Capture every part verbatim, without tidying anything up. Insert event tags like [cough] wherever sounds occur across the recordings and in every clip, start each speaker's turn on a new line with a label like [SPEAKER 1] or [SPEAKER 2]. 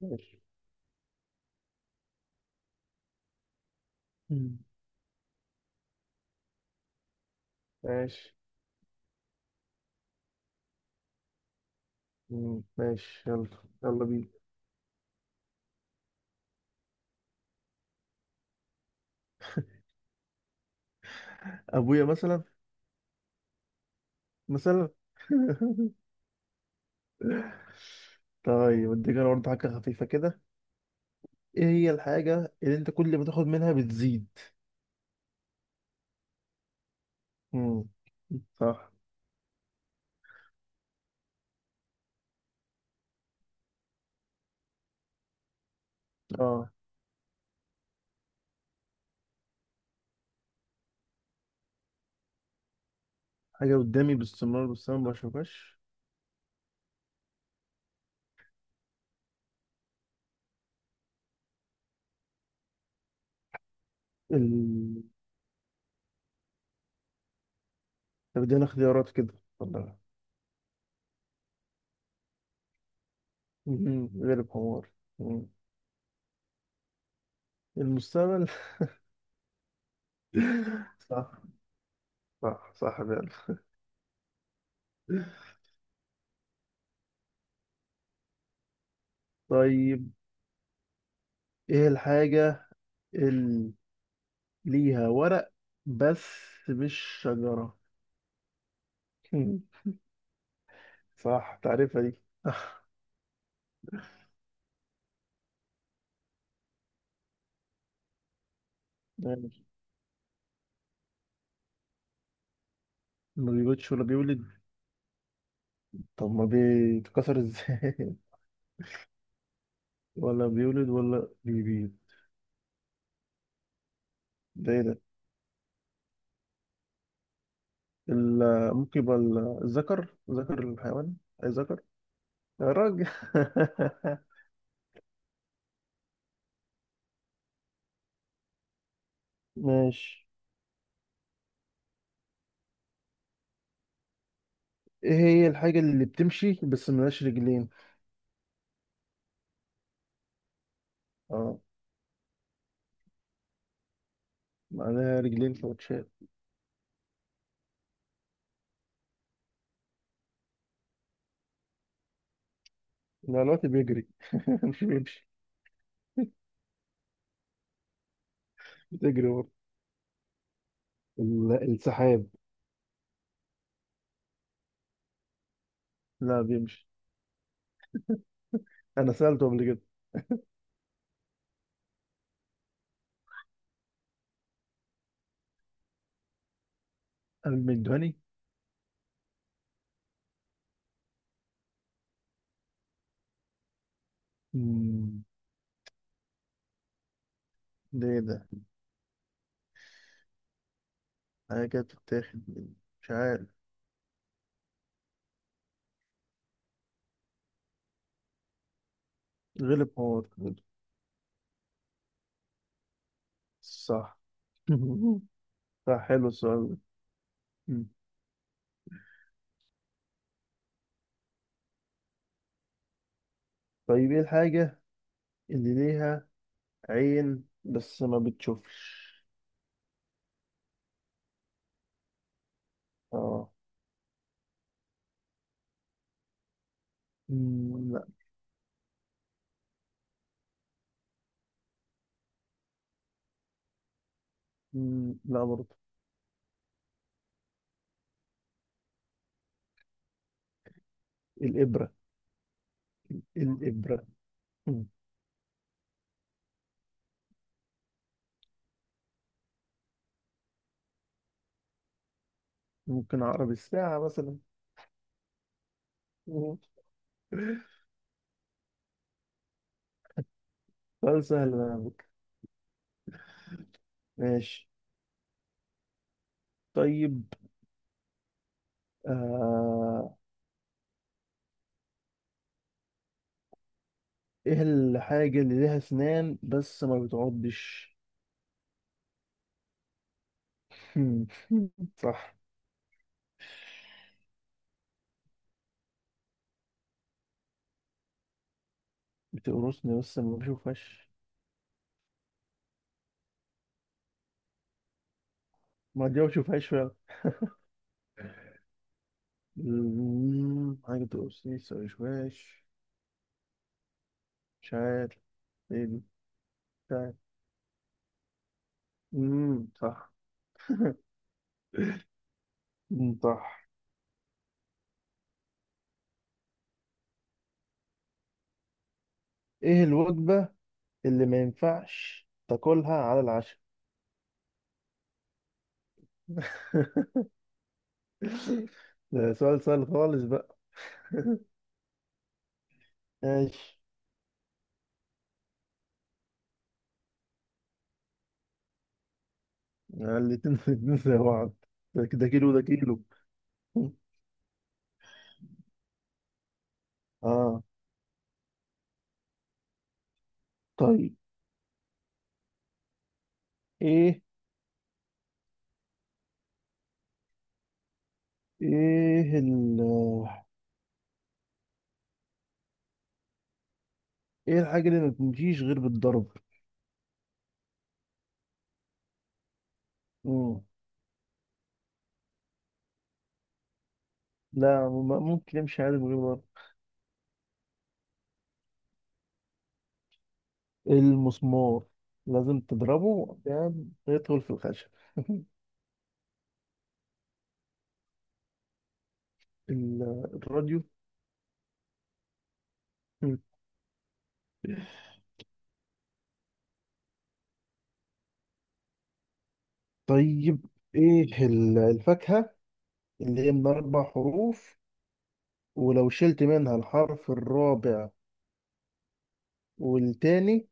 [SPEAKER 1] ماشي. مم. ماشي. مم، ماشي، يلا. يلا بينا. ابويا مثلا. مثلا. [laughs] طيب، اديك انا برضه حاجه خفيفه كده. ايه هي الحاجه اللي انت كل ما تاخد منها بتزيد؟ امم صح. اه، حاجه قدامي باستمرار باستمرار ما بشوفهاش. ال... طب ادينا اختيارات كده. والله. مم، غير الحمار. مم. المستقبل. [laughs] صح، صح، صح فعلا. طيب، ايه الحاجه اللي ليها ورق بس مش شجرة؟ مم. صح، تعرفها دي؟ آه، ماشي. ما بيولدش ولا بيولد؟ طب ما بيتكسر ازاي؟ [laughs] ولا بيولد ولا بيبيض. ده ايه ده؟ ال- ممكن يبقى ال- الذكر، ذكر الحيوان. اي ذكر. يا راجل. [laughs] ماشي. ايه هي الحاجة اللي بتمشي بس ملهاش رجلين؟ اه، معناها رجلين فوتشات. لا، الوقت بيجري. [laughs] مش بيمشي. بتجري برضه. ال- السحاب. لا، بيمشي. انا سالته قبل كده. قال المندهاني. مم، ده ايه ده؟ حاجه كده بتتاخد من- مش عارف. غلب حمار. صح. [laughs] صح، حلو السؤال ده. مم. طيب، ايه الحاجه اللي ليها عين بس ما بتشوفش؟ اه. مم، لا. مم، لا برضه. الابره. الابره. مم. ممكن عقرب الساعه مثلا. [laughs] مم. سؤال سهل بقى. على فكرة. ماشي. طيب. آه ايه الحاجة اللي ليها اسنان بس ما بتعضش؟ [laughs] صح. بتقرصني بس ما بشوفهاش. ما دي ما بشوفهاش فعلا. مم، حاجة بتقرصني بس ما بشوفهاش. مش عارف. ايه دي؟ مش عارف. مم، صح. مم، صح. ايه الوجبة اللي ما ينفعش تاكلها على العشاء؟ [laughs] ده سؤال سهل خالص بقى. ماشي. يعني الاتنين، الاتنين زي بعض. ده كده كيلو، ده كيلو. [laughs] اه. طيب، ايه ايه ال ايه الحاجة اللي ما بتمشيش غير بالضرب؟ مم. لا، م- ممكن يمشي عادي من غير ضرب. المسمار، لازم تضربه عشان يدخل في الخشب. [laughs] ال- الراديو. مم. طيب، ايه ال- الفاكهة اللي هي من أربع حروف، ولو شلت منها الحرف الرابع والتاني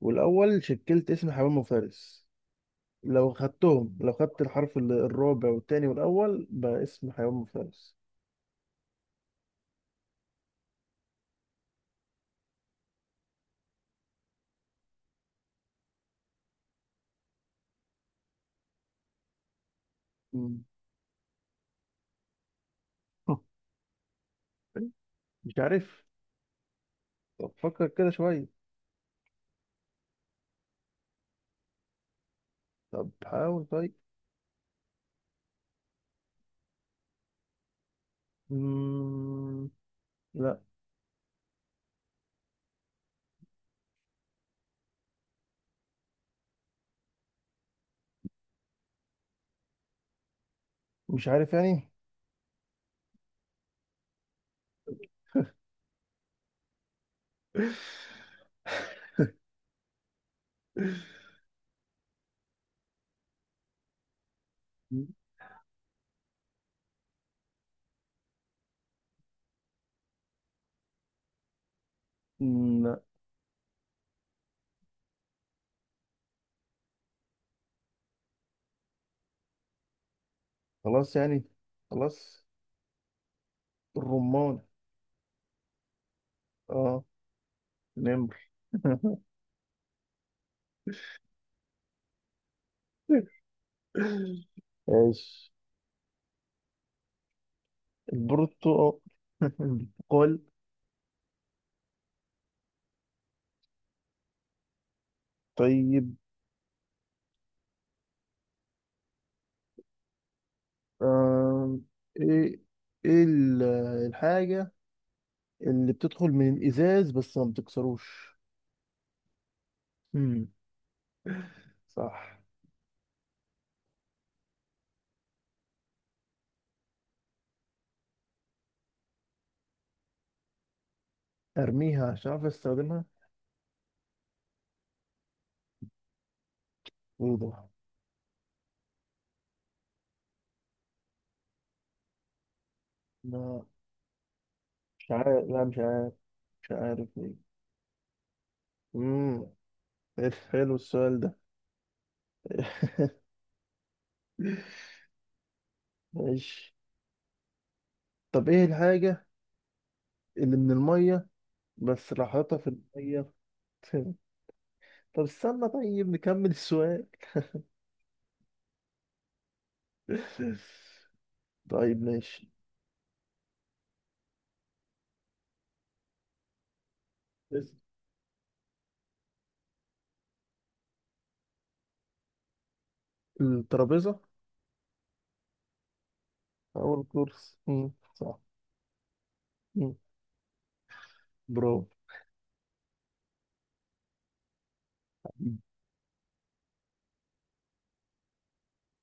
[SPEAKER 1] والأول شكلت اسم حمام وفارس. لو خدتهم، لو خدت الحرف ال- الرابع والتاني والأول بقى اسم حيوان مفترس. [laughs] مش عارف. طب فكر كده شوية. طب حاول طيب. مم... لا. مش عارف يعني. مم... لا. خلاص يعني. خلاص. الرمان. اه، نمر. [laughs] ايش؟ البرتقال. [laughs] البرتقال. طيب. آم... ايه ايه ال- الحاجة اللي بتدخل من الإزاز بس ما بتكسروش؟ مم. صح. ارميها عشان اعرف استخدمها. وضوح. لا. مش عارف، لا مش عارف. مش عارف ليه. امم حلو السؤال ده. [laughs] ماشي. طب، ايه الحاجة اللي من المية بس راحتها في المية؟ [laughs] طب استنى، طيب نكمل السؤال. [laughs] طيب ماشي. الترابيزة. أول كورس، مم، صح. مم، برافو.